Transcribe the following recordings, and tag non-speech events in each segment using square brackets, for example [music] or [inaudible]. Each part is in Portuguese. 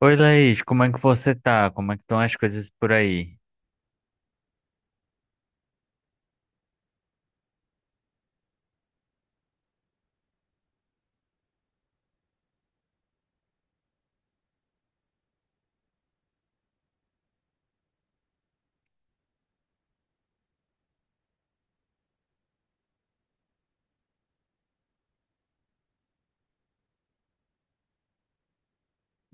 Oi, Laís, como é que você tá? Como é que estão as coisas por aí?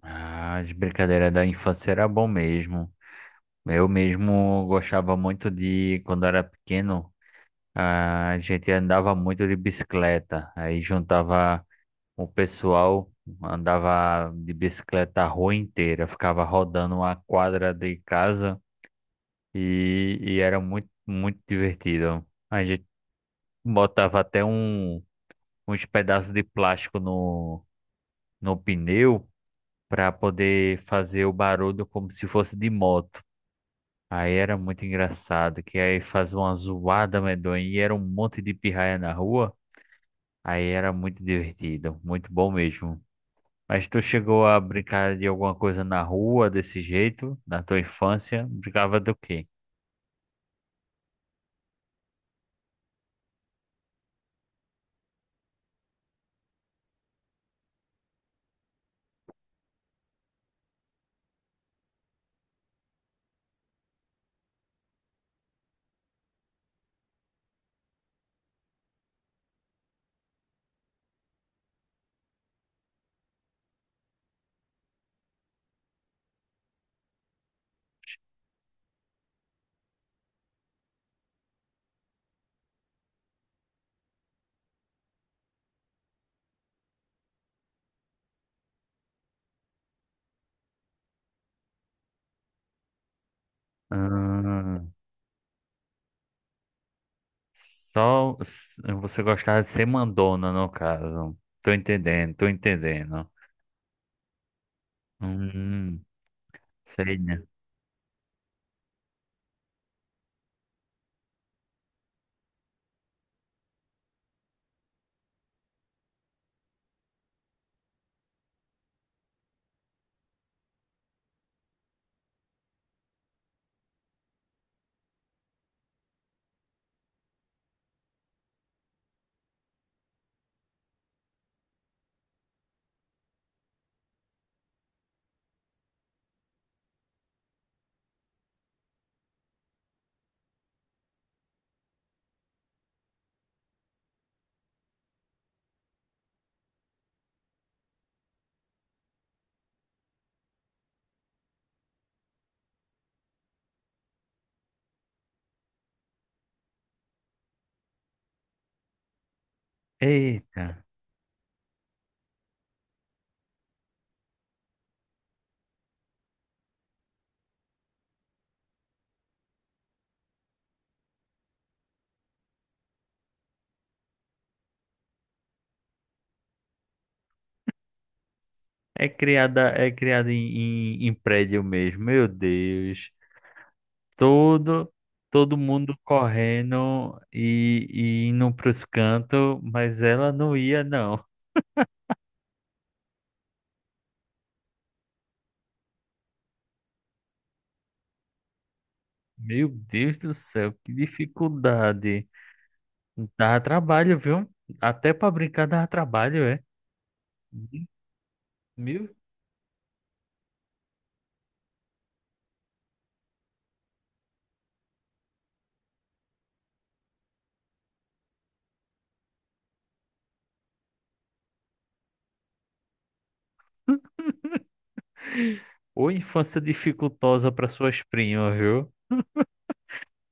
Ah, as brincadeiras da infância era bom mesmo. Eu mesmo gostava muito de, quando era pequeno, a gente andava muito de bicicleta. Aí juntava o pessoal, andava de bicicleta a rua inteira, ficava rodando uma quadra de casa e era muito, muito divertido. A gente botava até um, uns pedaços de plástico no, no pneu para poder fazer o barulho como se fosse de moto. Aí era muito engraçado, que aí fazia uma zoada medonha e era um monte de pirraia na rua. Aí era muito divertido, muito bom mesmo. Mas tu chegou a brincar de alguma coisa na rua desse jeito, na tua infância? Brincava do quê? Ah, você gostava de ser mandona, no caso. Tô entendendo, tô entendendo. Hum, sei, né? Eita. É criada em prédio mesmo, meu Deus. Todo, todo mundo correndo e indo pros cantos, mas ela não ia, não. Meu Deus do céu, que dificuldade. Dava trabalho, viu? Até para brincar dava trabalho, é. Meu, ou infância dificultosa para suas primas, viu?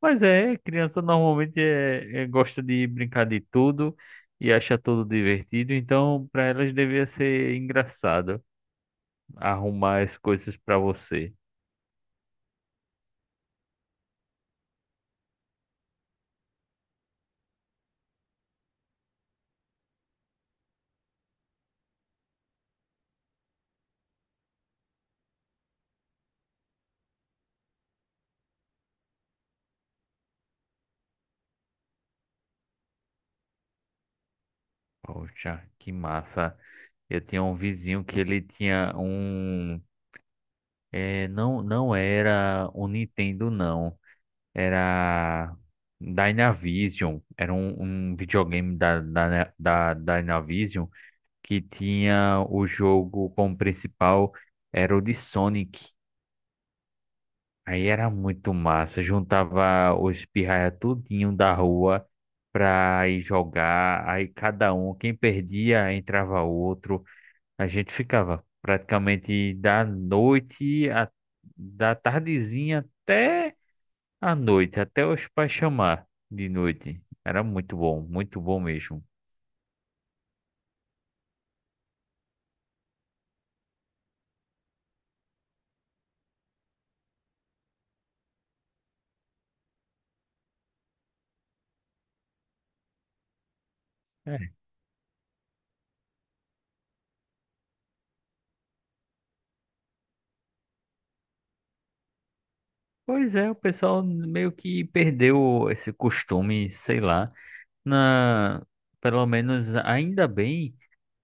Mas é, criança normalmente gosta de brincar de tudo e acha tudo divertido, então para elas devia ser engraçado arrumar as coisas para você. Poxa, que massa. Eu tinha um vizinho que ele tinha um. É, não, não era um Nintendo, não. Era Dynavision. Era um, um videogame da Dynavision. Que tinha o jogo como principal, era o de Sonic. Aí era muito massa, juntava os pirraia tudinho da rua pra ir jogar, aí cada um, quem perdia, entrava outro. A gente ficava praticamente da noite, da tardezinha até a noite, até os pais chamar de noite. Era muito bom mesmo. Pois é, o pessoal meio que perdeu esse costume, sei lá. Na, Pelo menos ainda bem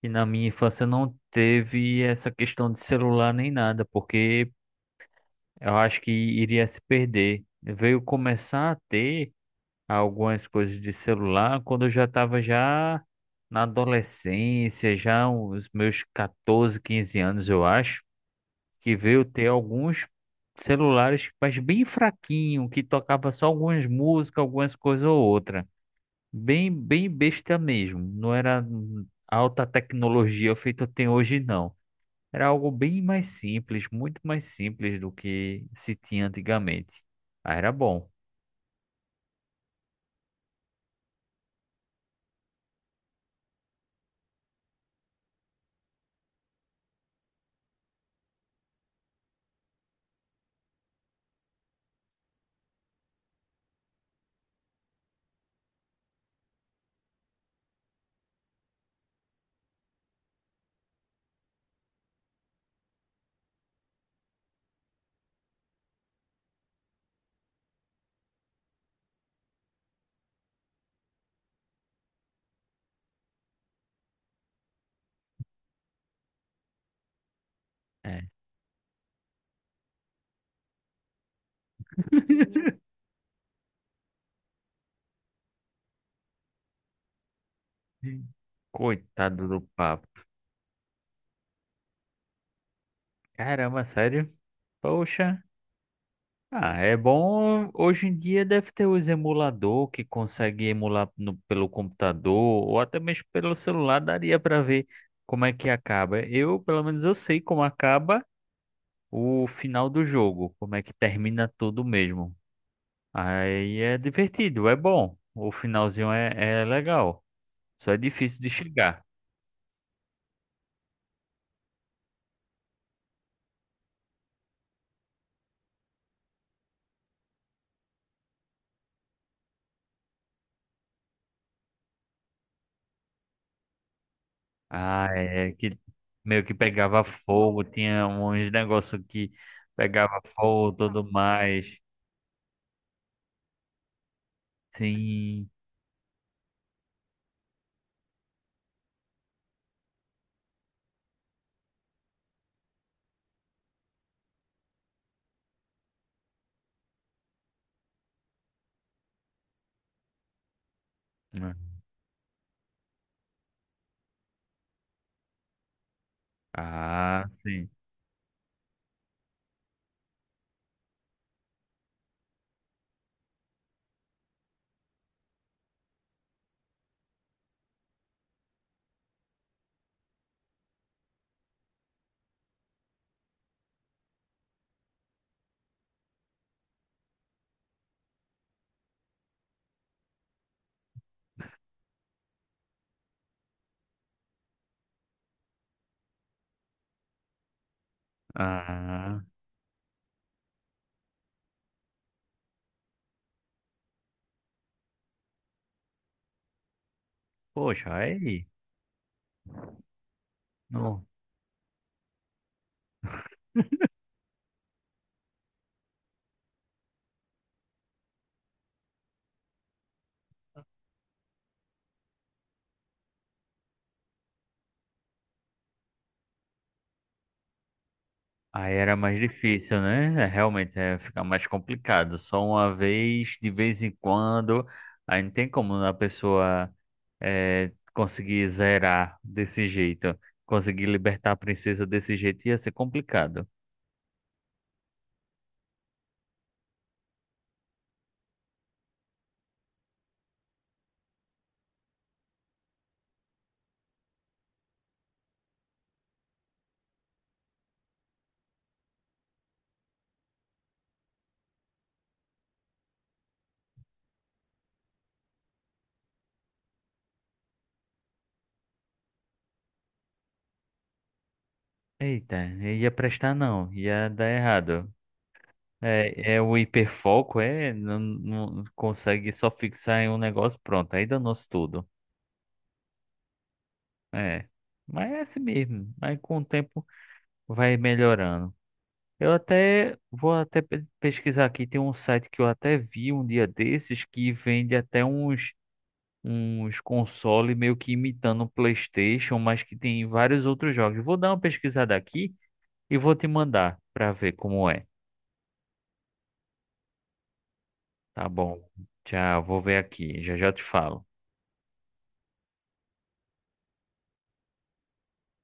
que na minha infância não teve essa questão de celular nem nada, porque eu acho que iria se perder. Veio começar a ter algumas coisas de celular quando eu já estava já na adolescência, já os meus 14, 15 anos, eu acho que veio ter alguns celulares, mas bem fraquinho, que tocava só algumas músicas, algumas coisas ou outra. Bem, bem besta mesmo. Não era alta tecnologia feita tem hoje, não. Era algo bem mais simples, muito mais simples do que se tinha antigamente. Ah, era bom. É. [laughs] Coitado do papo. Caramba, sério? Poxa. Ah, é bom. Hoje em dia deve ter os emulador que consegue emular pelo computador ou até mesmo pelo celular, daria para ver como é que acaba. Eu, pelo menos, eu sei como acaba o final do jogo, como é que termina tudo mesmo. Aí é divertido, é bom. O finalzinho é legal. Só é difícil de chegar. Ah, é que meio que pegava fogo, tinha uns negócios que pegava fogo, e tudo mais. Sim. Ah, sim. Ah, poxa, aí. Não. Aí era mais difícil, né? É, realmente é ficar mais complicado. Só uma vez, de vez em quando. Aí não tem como a pessoa é, conseguir zerar desse jeito. Conseguir libertar a princesa desse jeito ia ser complicado. Eita, ia prestar não, ia dar errado. É, é o hiperfoco, é, não consegue só fixar em um negócio, pronto, aí danou-se tudo. É, mas é assim mesmo. Mas com o tempo vai melhorando. Eu até pesquisar aqui. Tem um site que eu até vi um dia desses que vende até uns console meio que imitando o PlayStation, mas que tem vários outros jogos. Vou dar uma pesquisada aqui e vou te mandar para ver como é. Tá bom. Tchau, vou ver aqui. Já já te falo.